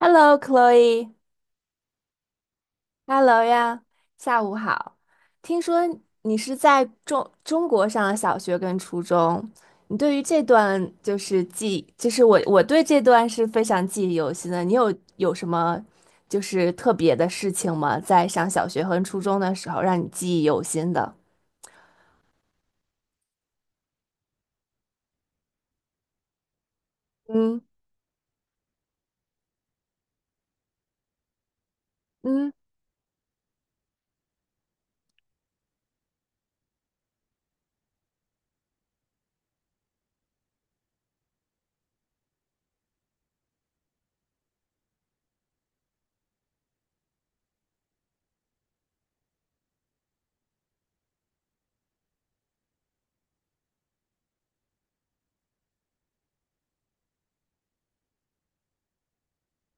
Hello，Chloe，Hello 呀，下午好。听说你是在中国上了小学跟初中，你对于这段就是记，就是我对这段是非常记忆犹新的。你有什么就是特别的事情吗？在上小学和初中的时候，让你记忆犹新的？嗯嗯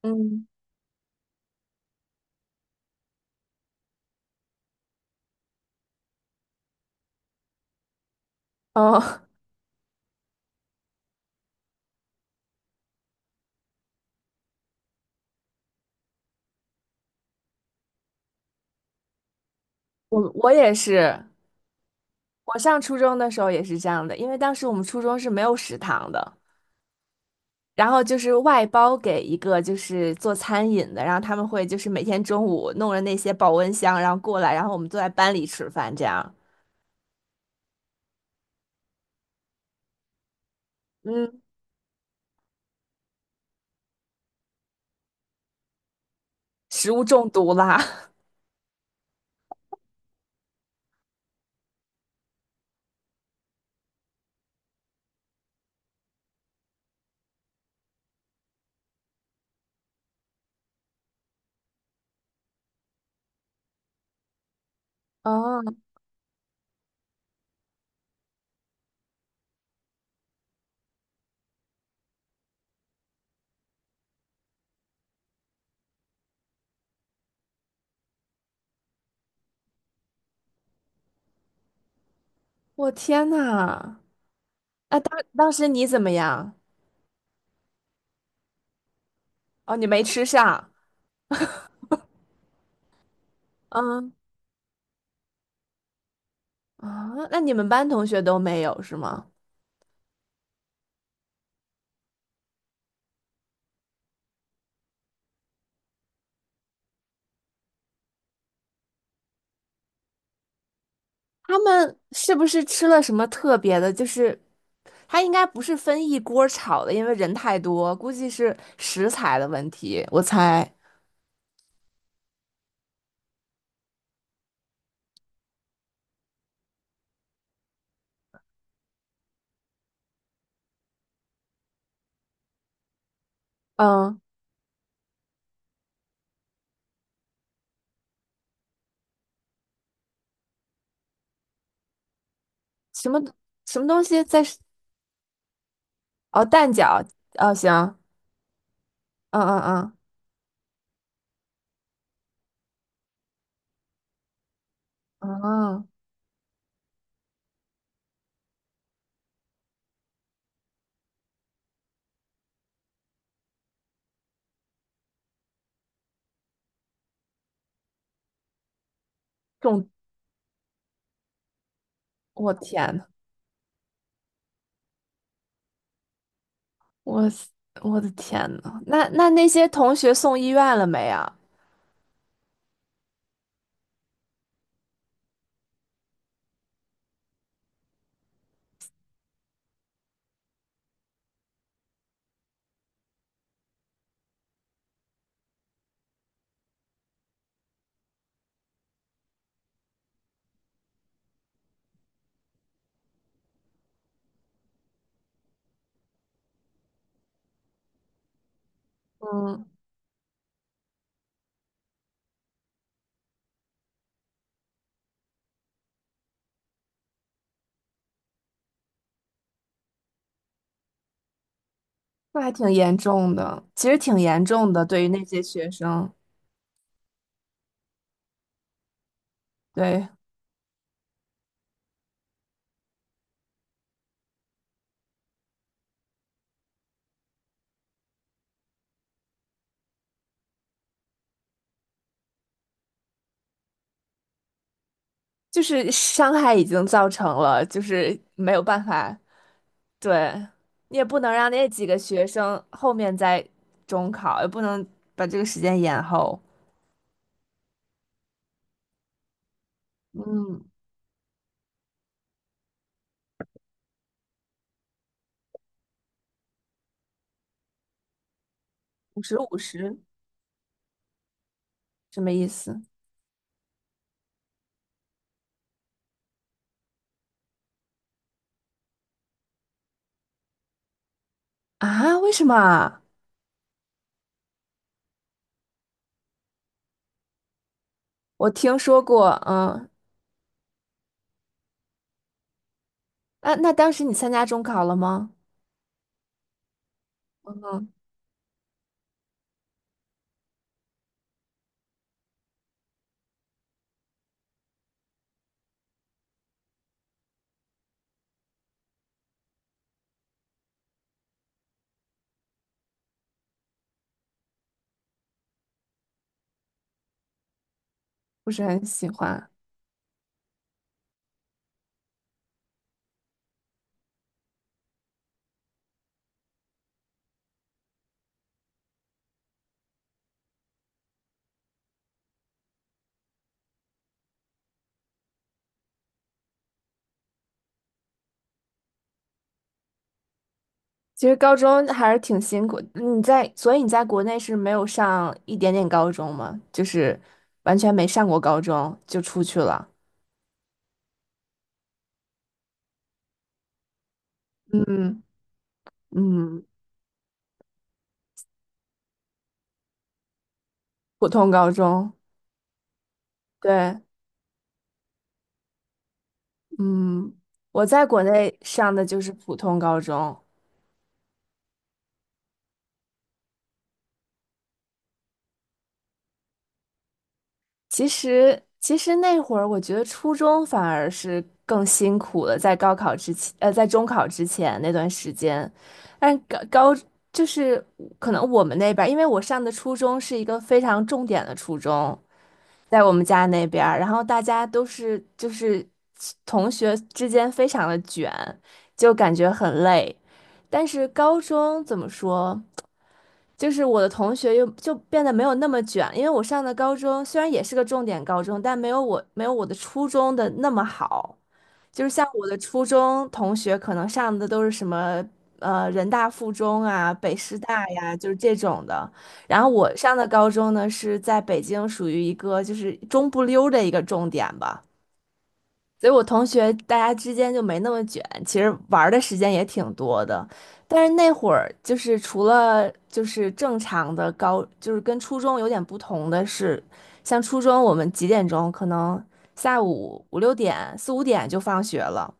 嗯，哦，我也是，我上初中的时候也是这样的，因为当时我们初中是没有食堂的。然后就是外包给一个就是做餐饮的，然后他们会就是每天中午弄着那些保温箱，然后过来，然后我们坐在班里吃饭，这样，嗯，食物中毒啦。啊，我天呐！那当时你怎么样？哦，你没吃上。嗯啊，那你们班同学都没有是吗？他们是不是吃了什么特别的？就是他应该不是分一锅儿炒的，因为人太多，估计是食材的问题，我猜。嗯。什么什么东西在哦蛋饺哦行嗯嗯嗯啊中我天呐，我死我的天呐，那那些同学送医院了没啊？嗯，那还挺严重的，其实挺严重的，对于那些学生，对，就是伤害已经造成了，就是没有办法，对，你也不能让那几个学生后面再中考，也不能把这个时间延后，嗯，五十五十。五十什么意思啊？为什么啊？我听说过，嗯，那当时你参加中考了吗？嗯，不是很喜欢。其实高中还是挺辛苦。你在，所以你在国内是没有上一点点高中吗？就是完全没上过高中就出去了。嗯嗯，普通高中，对，嗯，我在国内上的就是普通高中，其实，其实那会儿我觉得初中反而是更辛苦了，在高考之前，在中考之前那段时间，但高高就是可能我们那边儿因为我上的初中是一个非常重点的初中，在我们家那边儿然后大家都是就是同学之间非常的卷，就感觉很累。但是高中怎么说？就是我的同学又就变得没有那么卷，因为我上的高中虽然也是个重点高中，但没有我的初中的那么好。就是像我的初中同学，可能上的都是什么人大附中啊、北师大呀，就是这种的。然后我上的高中呢是在北京，属于一个就是中不溜儿的一个重点吧。所以我同学大家之间就没那么卷，其实玩儿的时间也挺多的。但是那会儿就是除了就是正常的高，就是跟初中有点不同的是，像初中我们几点钟可能下午5、6点4、5点就放学了，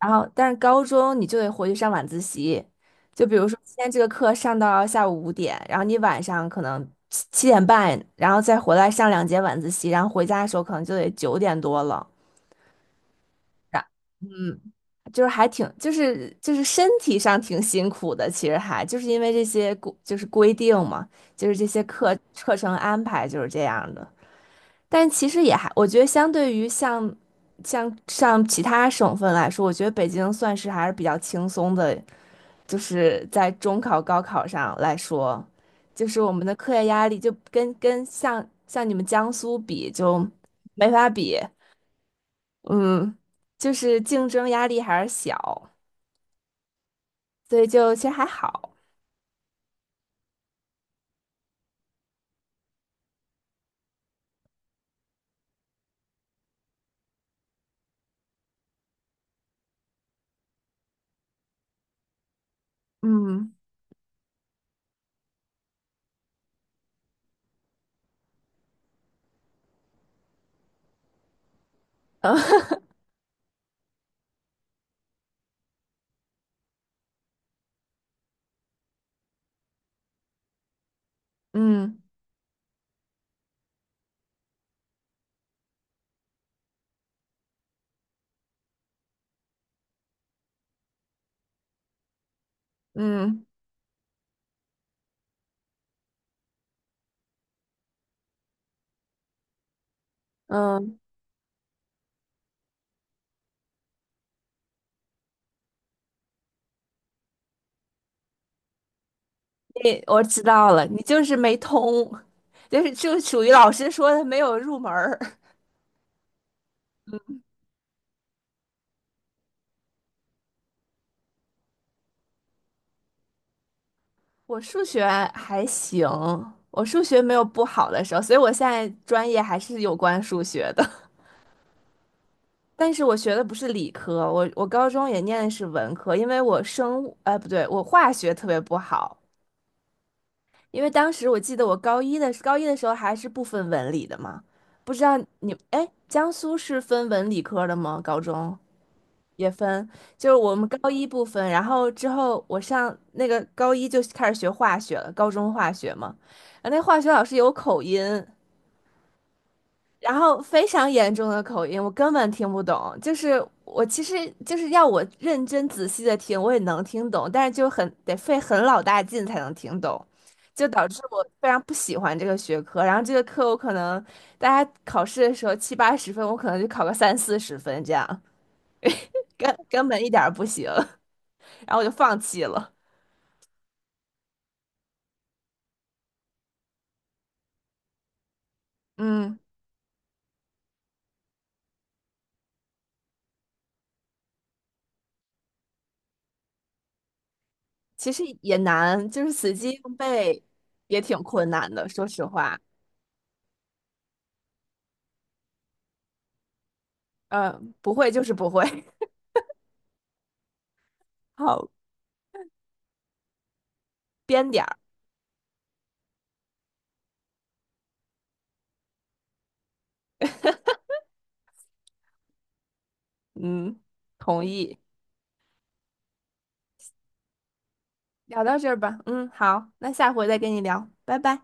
然后但是高中你就得回去上晚自习，就比如说今天这个课上到下午五点，然后你晚上可能七点半，然后再回来上2节晚自习，然后回家的时候可能就得9点多了。就是还挺，就是就是身体上挺辛苦的，其实还就是因为这些规定嘛，就是这些课程安排就是这样的。但其实也还，我觉得相对于像其他省份来说，我觉得北京算是还是比较轻松的，就是在中考、高考上来说，就是我们的课业压力就跟像你们江苏比就没法比，嗯，就是竞争压力还是小。所以就其实还好。嗯嗯 嗯嗯嗯，你我知道了，你就是没通，就是就属于老师说的没有入门儿。我数学还行，我数学没有不好的时候，所以我现在专业还是有关数学的。但是我学的不是理科，我高中也念的是文科，因为我生物，哎，不对，我化学特别不好，因为当时我记得我高一的时候还是不分文理的嘛，不知道你，哎，江苏是分文理科的吗？高中也分，就是我们高一不分，然后之后我上那个高一就开始学化学了，高中化学嘛，然后那化学老师有口音，然后非常严重的口音，我根本听不懂。就是我其实就是要我认真仔细的听，我也能听懂，但是就很得费很老大劲才能听懂，就导致我非常不喜欢这个学科。然后这个课我可能大家考试的时候70、80分，我可能就考个30、40分这样，根本一点儿不行。然后我就放弃了。嗯，其实也难，就是死记硬背也挺困难的，说实话。嗯、不会就是不会。好。编点儿。嗯，同意。聊到这儿吧。嗯，好，那下回再跟你聊，拜拜。